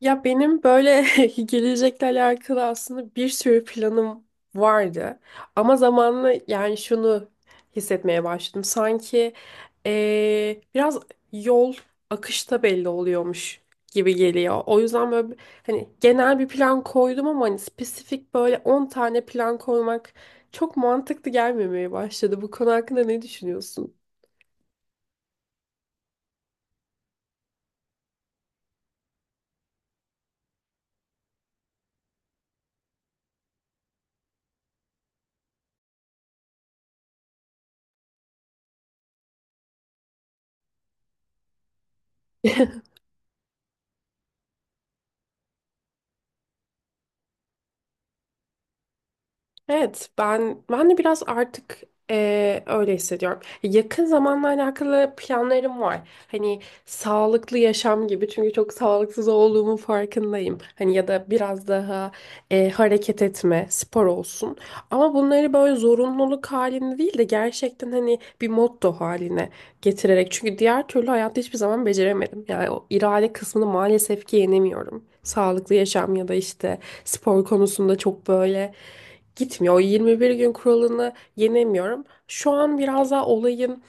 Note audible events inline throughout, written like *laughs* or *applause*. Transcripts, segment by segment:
Ya benim böyle *laughs* gelecekle alakalı aslında bir sürü planım vardı. Ama zamanla yani şunu hissetmeye başladım. Sanki biraz yol akışta belli oluyormuş gibi geliyor. O yüzden hani genel bir plan koydum ama hani spesifik böyle 10 tane plan koymak çok mantıklı gelmemeye başladı. Bu konu hakkında ne düşünüyorsun? *laughs* Evet, ben de biraz artık öyle hissediyorum. Yakın zamanla alakalı planlarım var. Hani sağlıklı yaşam gibi çünkü çok sağlıksız olduğumun farkındayım. Hani ya da biraz daha hareket etme, spor olsun. Ama bunları böyle zorunluluk halinde değil de gerçekten hani bir motto haline getirerek. Çünkü diğer türlü hayatta hiçbir zaman beceremedim. Yani o irade kısmını maalesef ki yenemiyorum. Sağlıklı yaşam ya da işte spor konusunda çok böyle gitmiyor. O 21 gün kuralını yenemiyorum. Şu an biraz daha olayın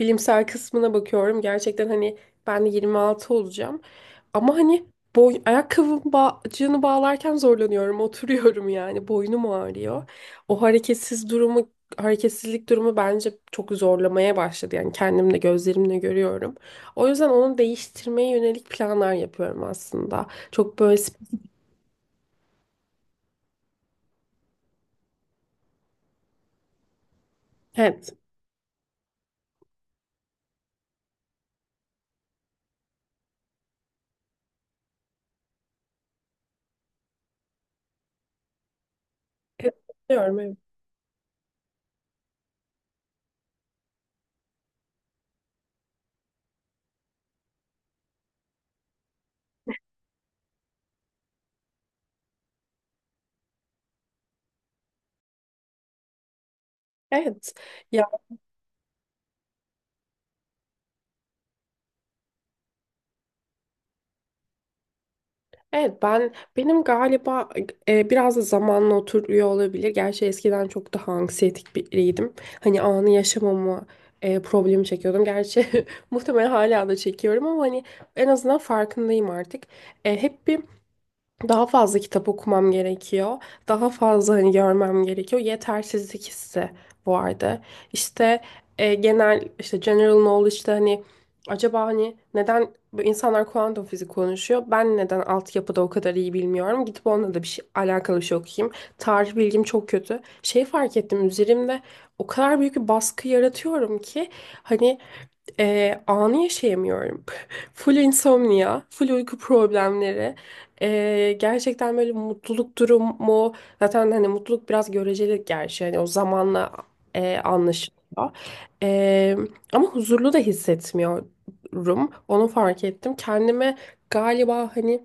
bilimsel kısmına bakıyorum. Gerçekten hani ben de 26 olacağım. Ama hani boy ayakkabım bağcığını bağlarken zorlanıyorum. *laughs* Oturuyorum yani. Boynum ağrıyor. O hareketsiz durumu hareketsizlik durumu bence çok zorlamaya başladı. Yani kendim de gözlerimle görüyorum. O yüzden onu değiştirmeye yönelik planlar yapıyorum aslında. Evet. Evet diyorum, Evet. evet. Evet, ben benim galiba biraz da zamanla oturuyor olabilir. Gerçi eskiden çok daha anksiyetik biriydim. Hani anı yaşamama problemi çekiyordum. Gerçi *laughs* muhtemelen hala da çekiyorum ama hani en azından farkındayım artık. Hep bir daha fazla kitap okumam gerekiyor. Daha fazla hani görmem gerekiyor. Yetersizlik hissi vardı. İşte genel işte general knowledge'da hani acaba hani neden bu insanlar kuantum fizik konuşuyor? Ben neden altyapıda o kadar iyi bilmiyorum? Gidip onunla da bir şey alakalı bir şey okuyayım. Tarih bilgim çok kötü. Şey fark ettim üzerimde o kadar büyük bir baskı yaratıyorum ki hani anı yaşayamıyorum. *laughs* Full insomnia, full uyku problemleri. Gerçekten böyle mutluluk durumu zaten hani mutluluk biraz göreceli gerçi hani o zamanla anlaşılıyor. Ee, Ama huzurlu da hissetmiyorum. Onu fark ettim. Kendime galiba hani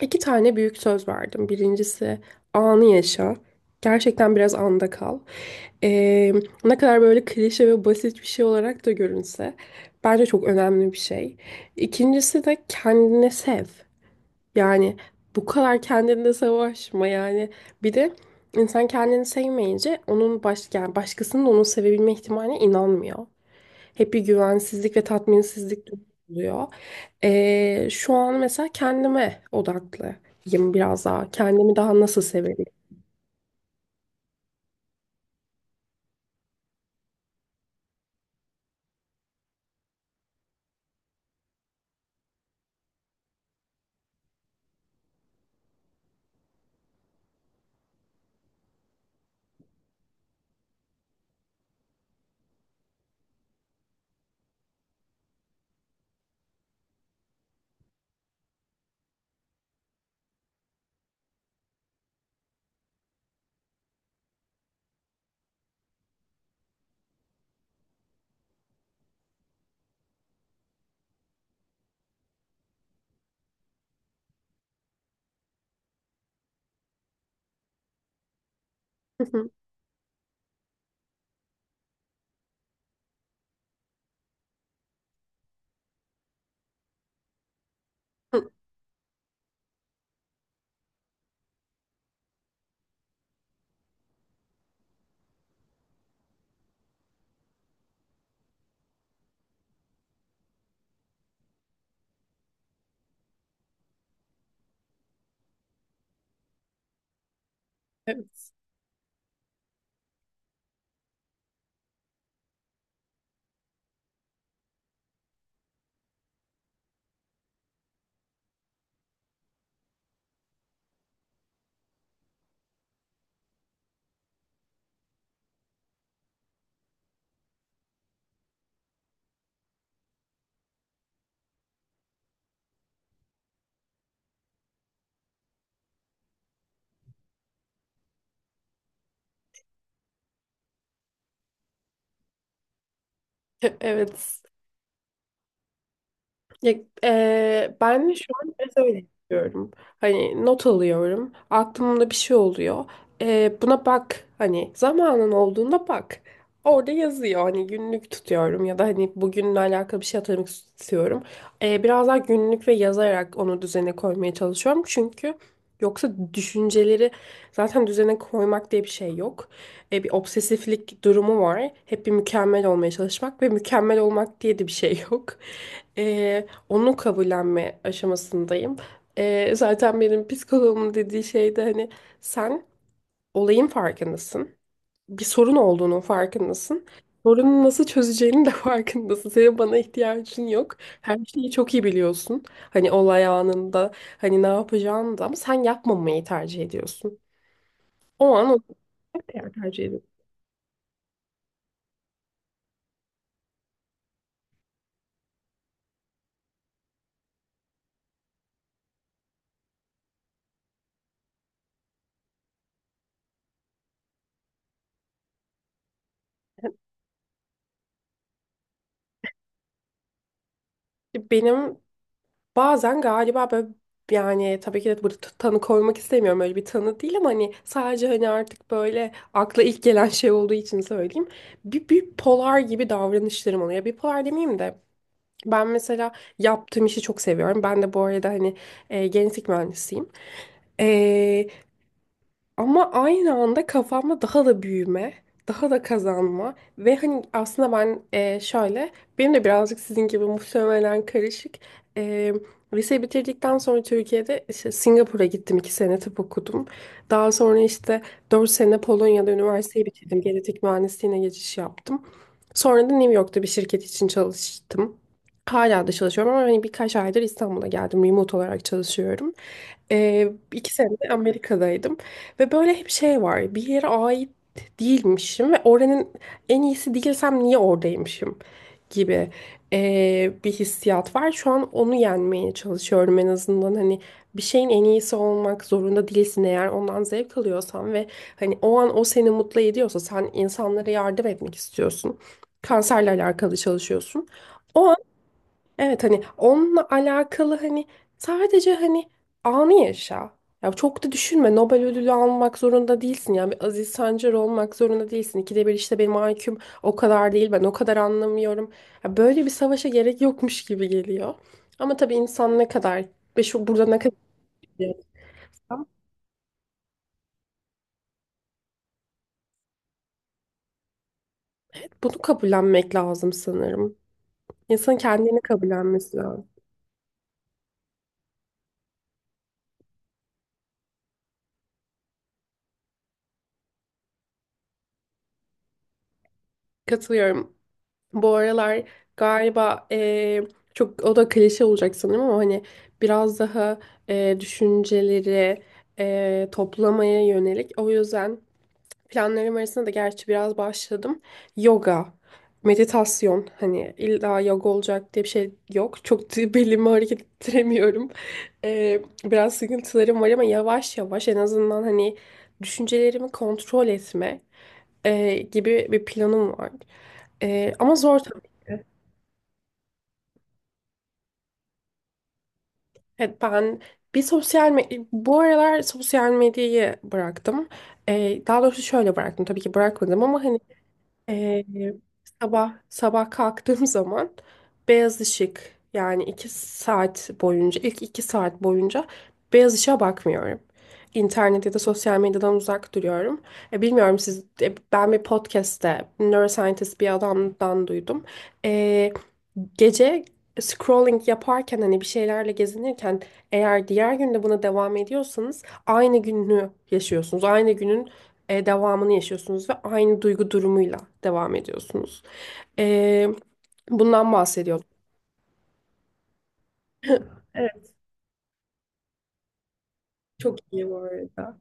iki tane büyük söz verdim. Birincisi anı yaşa. Gerçekten biraz anda kal. Ee, Ne kadar böyle klişe ve basit bir şey olarak da görünse bence çok önemli bir şey. İkincisi de kendini sev. Yani bu kadar kendinle savaşma yani. Bir de insan kendini sevmeyince onun yani başkasının onu sevebilme ihtimaline inanmıyor. Hep bir güvensizlik ve tatminsizlik oluyor. Şu an mesela kendime odaklıyım biraz daha. Kendimi daha nasıl sevebilirim? *laughs* Evet. *laughs* Evet. Ya, Ben şu an biraz öyle yapıyorum. Hani not alıyorum. Aklımda bir şey oluyor. Buna bak. Hani zamanın olduğunda bak. Orada yazıyor. Hani günlük tutuyorum ya da hani bugünle alakalı bir şey hatırlamak istiyorum. Biraz daha günlük ve yazarak onu düzene koymaya çalışıyorum. Çünkü yoksa düşünceleri zaten düzene koymak diye bir şey yok. Bir obsesiflik durumu var. Hep bir mükemmel olmaya çalışmak ve mükemmel olmak diye de bir şey yok, onu kabullenme aşamasındayım. Zaten benim psikoloğumun dediği şey de hani sen olayın farkındasın. Bir sorun olduğunun farkındasın. Sorunu nasıl çözeceğinin de *laughs* farkındasın. Senin bana ihtiyacın yok. Her şeyi çok iyi biliyorsun. Hani olay anında hani ne yapacağını da ama sen yapmamayı tercih ediyorsun. O an onu tercih ediyorsun. Benim Bazen galiba böyle yani tabii ki de burada tanı koymak istemiyorum, öyle bir tanı değil ama hani sadece hani artık böyle akla ilk gelen şey olduğu için söyleyeyim. Bir polar gibi davranışlarım oluyor. Bir polar demeyeyim de ben mesela yaptığım işi çok seviyorum. Ben de bu arada hani genetik mühendisiyim. Ama aynı anda kafamda daha da büyüme, daha da kazanma ve hani aslında benim de birazcık sizin gibi muhtemelen karışık. E, Liseyi bitirdikten sonra Türkiye'de işte Singapur'a gittim, iki sene tıp okudum. Daha sonra işte dört sene Polonya'da üniversiteyi bitirdim, genetik mühendisliğine geçiş yaptım. Sonra da New York'ta bir şirket için çalıştım. Hala da çalışıyorum ama hani birkaç aydır İstanbul'a geldim. Remote olarak çalışıyorum. İki sene de Amerika'daydım. Ve böyle hep şey var. Bir yere ait değilmişim ve oranın en iyisi değilsem niye oradaymışım gibi bir hissiyat var. Şu an onu yenmeye çalışıyorum en azından. Hani bir şeyin en iyisi olmak zorunda değilsin eğer ondan zevk alıyorsan ve hani o an o seni mutlu ediyorsa sen insanlara yardım etmek istiyorsun. Kanserle alakalı çalışıyorsun. O Evet, hani onunla alakalı hani sadece hani anı yaşa. Ya çok da düşünme. Nobel ödülü almak zorunda değilsin. Yani bir Aziz Sancar olmak zorunda değilsin. İkide bir işte benim IQ'm o kadar değil. Ben o kadar anlamıyorum. Ya böyle bir savaşa gerek yokmuş gibi geliyor. Ama tabii insan ne kadar ve şu burada ne kadar biliyorsa bunu kabullenmek lazım sanırım. İnsanın kendini kabullenmesi lazım. Katılıyorum. Bu aralar galiba çok o da klişe olacak sanırım ama hani biraz daha düşünceleri toplamaya yönelik. O yüzden planlarım arasında da gerçi biraz başladım. Yoga, meditasyon hani illa yoga olacak diye bir şey yok. Çok da *laughs* belimi hareket ettiremiyorum. Biraz sıkıntılarım var ama yavaş yavaş en azından hani düşüncelerimi kontrol etme gibi bir planım var. Ama zor tabii. Evet, ben bu aralar sosyal medyayı bıraktım. Daha doğrusu şöyle bıraktım, tabii ki bırakmadım ama hani, ee, sabah sabah kalktığım *laughs* zaman beyaz ışık yani iki saat boyunca ilk iki saat boyunca beyaz ışığa bakmıyorum. İnternet ya da sosyal medyadan uzak duruyorum. Bilmiyorum siz, ben bir podcast'te neuroscientist bir adamdan duydum. E, Gece scrolling yaparken hani bir şeylerle gezinirken eğer diğer günde buna devam ediyorsanız aynı günü yaşıyorsunuz. Aynı günün devamını yaşıyorsunuz ve aynı duygu durumuyla devam ediyorsunuz. E, Bundan bahsediyordum. Evet, çok iyi bu arada.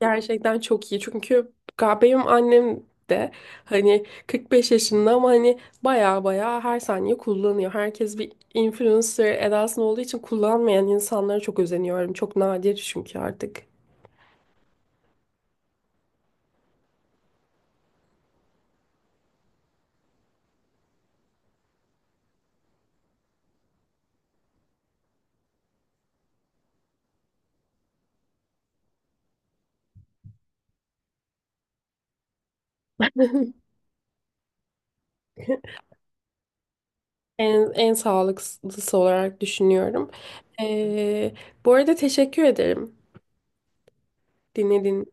Gerçekten çok iyi çünkü benim annem de hani 45 yaşında ama hani baya baya her saniye kullanıyor. Herkes bir influencer edasında olduğu için kullanmayan insanlara çok özeniyorum. Çok nadir çünkü artık. *laughs* En sağlıklısı olarak düşünüyorum. E, Bu arada teşekkür ederim dinlediğiniz